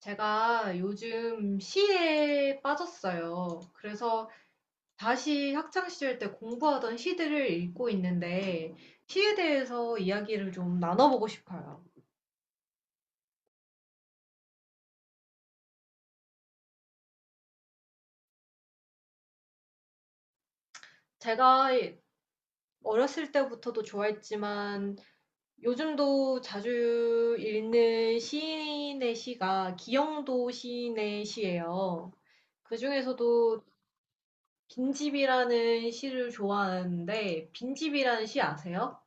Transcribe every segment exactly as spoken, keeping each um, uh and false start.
제가 요즘 시에 빠졌어요. 그래서 다시 학창시절 때 공부하던 시들을 읽고 있는데, 시에 대해서 이야기를 좀 나눠보고 싶어요. 제가 어렸을 때부터도 좋아했지만, 요즘도 자주 읽는 시인의 시가 기영도 시인의 시예요. 그중에서도 빈집이라는 시를 좋아하는데, 빈집이라는 시 아세요?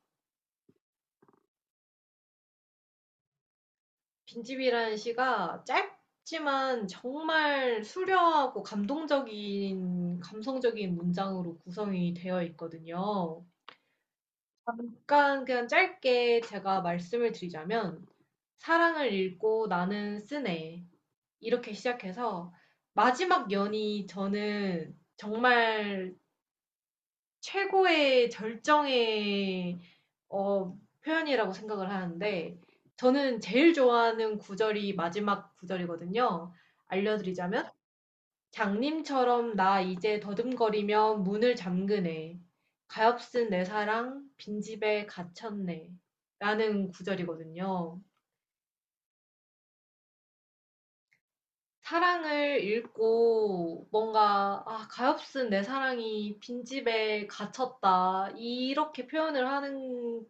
빈집이라는 시가 짧지만 정말 수려하고 감동적인 감성적인 문장으로 구성이 되어 있거든요. 잠깐 그냥 짧게 제가 말씀을 드리자면 사랑을 읽고 나는 쓰네 이렇게 시작해서 마지막 연이 저는 정말 최고의 절정의 어 표현이라고 생각을 하는데 저는 제일 좋아하는 구절이 마지막 구절이거든요. 알려드리자면 장님처럼 나 이제 더듬거리며 문을 잠그네. 가엾은 내 사랑 빈집에 갇혔네. 라는 구절이거든요. 사랑을 읽고 뭔가 '아 가엾은 내 사랑이 빈집에 갇혔다.' 이렇게 표현을 하는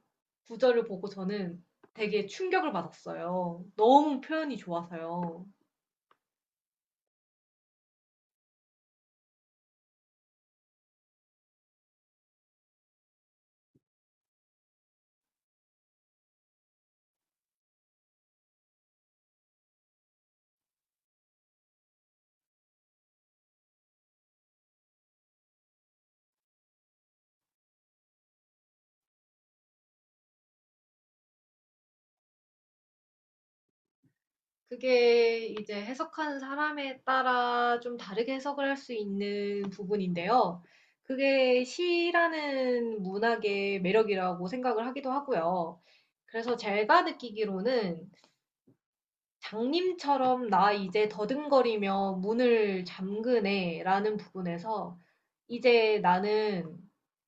구절을 보고 저는 되게 충격을 받았어요. 너무 표현이 좋아서요. 그게 이제 해석하는 사람에 따라 좀 다르게 해석을 할 수 있는 부분인데요. 그게 시라는 문학의 매력이라고 생각을 하기도 하고요. 그래서 제가 느끼기로는 장님처럼 "나 이제 더듬거리며 문을 잠그네."라는 부분에서 "이제 나는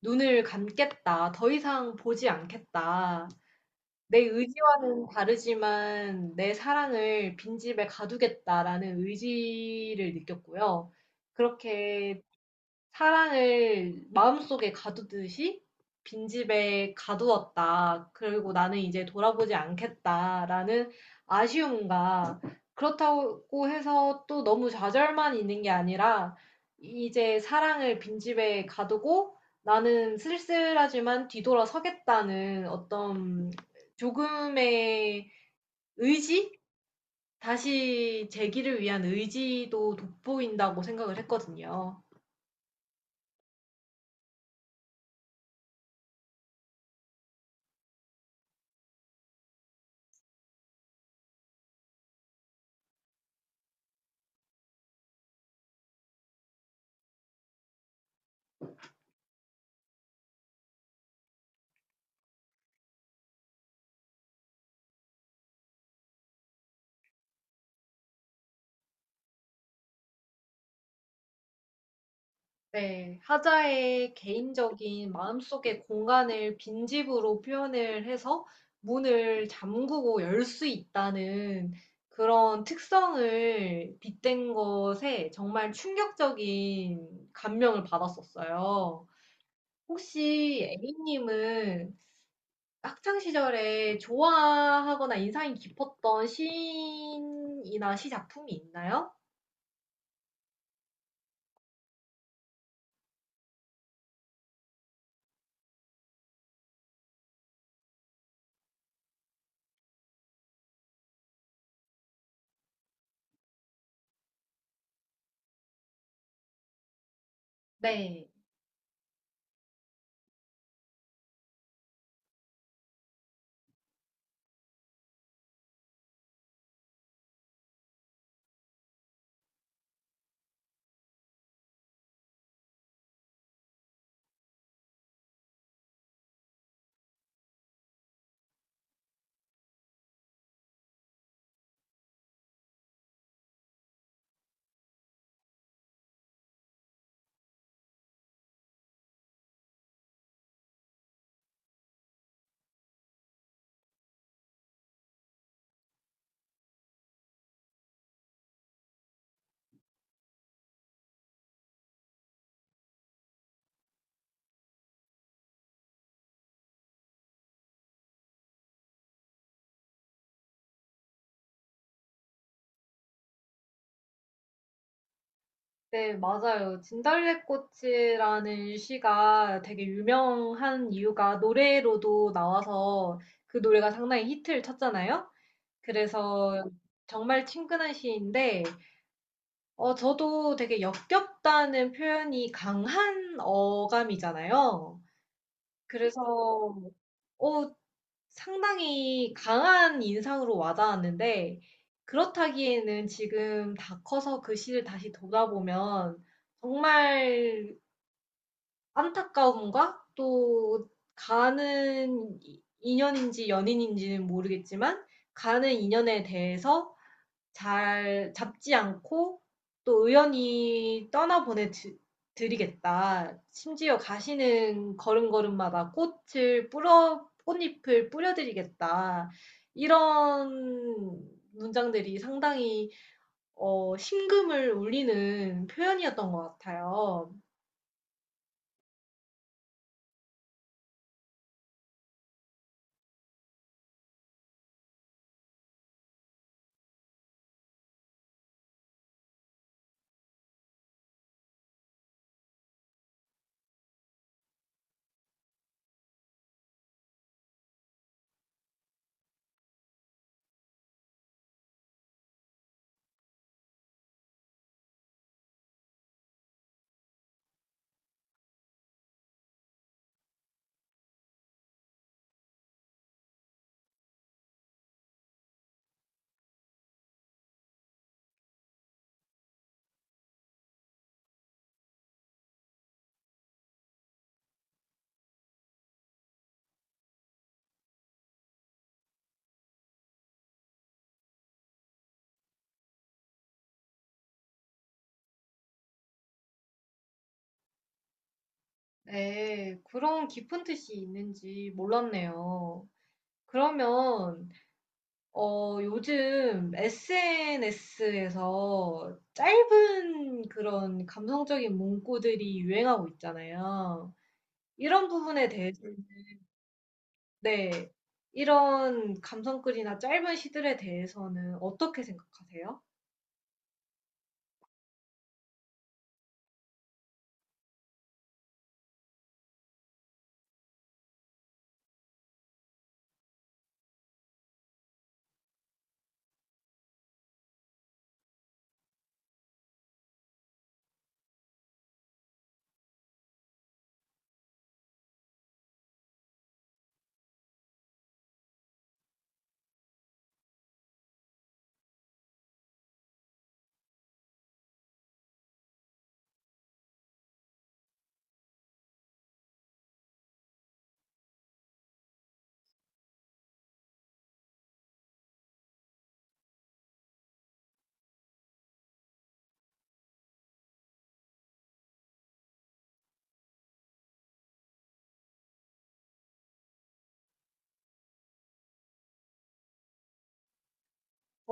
눈을 감겠다. 더 이상 보지 않겠다. 내 의지와는 다르지만 내 사랑을 빈집에 가두겠다."라는 의지를 느꼈고요. 그렇게 사랑을 마음속에 가두듯이 빈집에 가두었다. 그리고 나는 이제 돌아보지 않겠다라는 아쉬움과 그렇다고 해서 또 너무 좌절만 있는 게 아니라 이제 사랑을 빈집에 가두고 나는 쓸쓸하지만 뒤돌아서겠다는 어떤 조금의 의지? 다시 재기를 위한 의지도 돋보인다고 생각을 했거든요. 네, 하자의 개인적인 마음속의 공간을 빈집으로 표현을 해서 문을 잠그고 열 수 있다는 그런 특성을 빗댄 것에 정말 충격적인 감명을 받았었어요. 혹시 A님은 학창 시절에 좋아하거나 인상이 깊었던 시인이나 시 작품이 있나요? 네. 네, 맞아요. 진달래꽃이라는 시가 되게 유명한 이유가 노래로도 나와서 그 노래가 상당히 히트를 쳤잖아요. 그래서 정말 친근한 시인데, 어, 저도 되게 역겹다는 표현이 강한 어감이잖아요. 그래서, 어, 상당히 강한 인상으로 와닿았는데, 그렇다기에는 지금 다 커서 그 시를 다시 돌아보면 정말 안타까움과 또 가는 인연인지 연인인지는 모르겠지만 가는 인연에 대해서 잘 잡지 않고 또 의연히 떠나보내 드- 드리겠다. 심지어 가시는 걸음걸음마다 꽃을 뿌려, 꽃잎을 뿌려드리겠다. 이런 문장들이 상당히 어, 심금을 울리는 표현이었던 것 같아요. 네. 그런 깊은 뜻이 있는지 몰랐네요. 그러면 어 요즘 에스엔에스에서 짧은 그런 감성적인 문구들이 유행하고 있잖아요. 이런 부분에 대해서 네. 이런 감성글이나 짧은 시들에 대해서는 어떻게 생각하세요?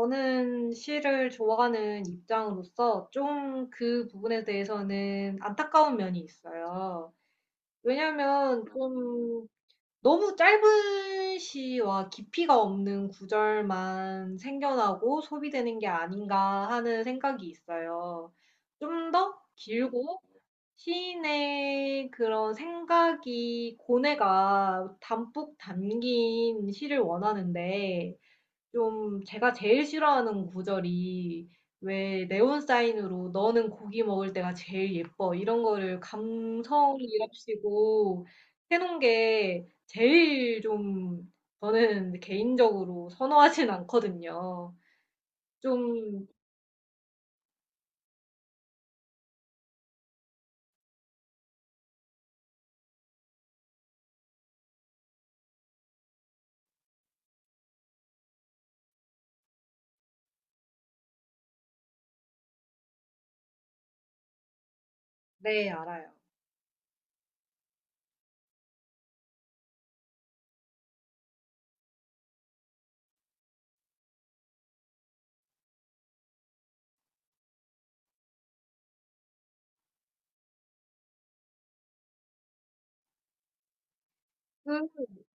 저는 시를 좋아하는 입장으로서 좀 그 부분에 대해서는 안타까운 면이 있어요. 왜냐면 좀 너무 짧은 시와 깊이가 없는 구절만 생겨나고 소비되는 게 아닌가 하는 생각이 있어요. 좀 더 길고 시인의 그런 생각이 고뇌가 담뿍 담긴 시를 원하는데 좀 제가 제일 싫어하는 구절이 왜 네온 사인으로 너는 고기 먹을 때가 제일 예뻐 이런 거를 감성이랍시고 해놓은 게 제일 좀 저는 개인적으로 선호하진 않거든요. 좀, 네, 알아요. 그,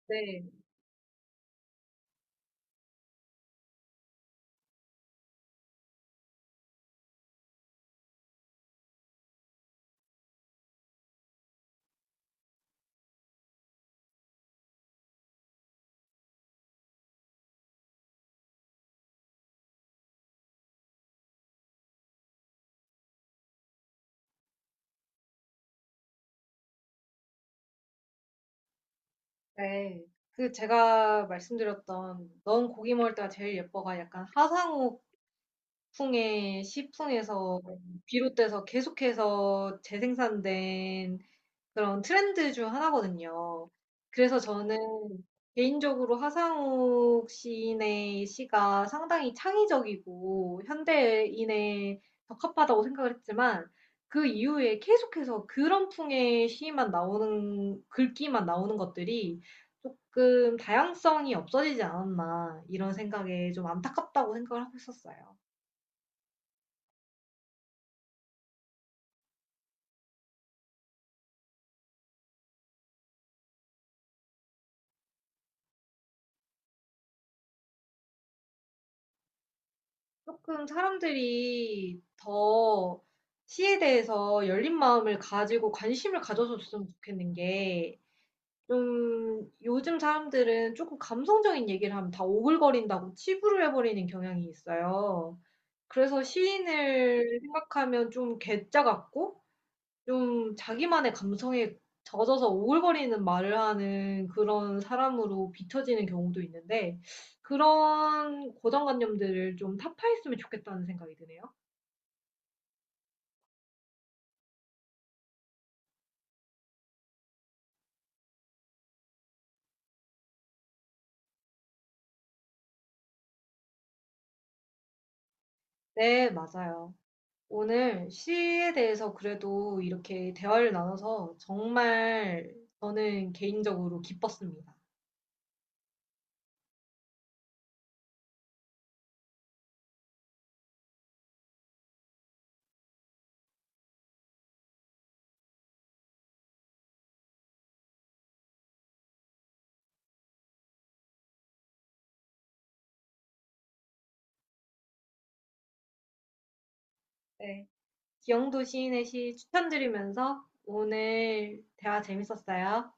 네, 네. 그 제가 말씀드렸던 넌 고기 먹을 때가 제일 예뻐가 약간 하상우 북풍에 시풍에서 비롯돼서 계속해서 재생산된 그런 트렌드 중 하나거든요. 그래서 저는 개인적으로 하상욱 시인의 시가 상당히 창의적이고 현대인에 적합하다고 생각을 했지만 그 이후에 계속해서 그런 풍의 시만 나오는 글귀만 나오는 것들이 조금 다양성이 없어지지 않았나 이런 생각에 좀 안타깝다고 생각을 하고 있었어요. 조금 사람들이 더 시에 대해서 열린 마음을 가지고 관심을 가져줬으면 좋겠는 게 좀 요즘 사람들은 조금 감성적인 얘기를 하면 다 오글거린다고 치부를 해 버리는 경향이 있어요. 그래서 시인을 생각하면 좀 괴짜 같고 좀 자기만의 감성에 젖어서 오글거리는 말을 하는 그런 사람으로 비춰지는 경우도 있는데 그런 고정관념들을 좀 타파했으면 좋겠다는 생각이 드네요. 네, 맞아요. 오늘 시에 대해서 그래도 이렇게 대화를 나눠서 정말 저는 개인적으로 기뻤습니다. 네. 기영도 시인의 시 추천드리면서 오늘 대화 재밌었어요.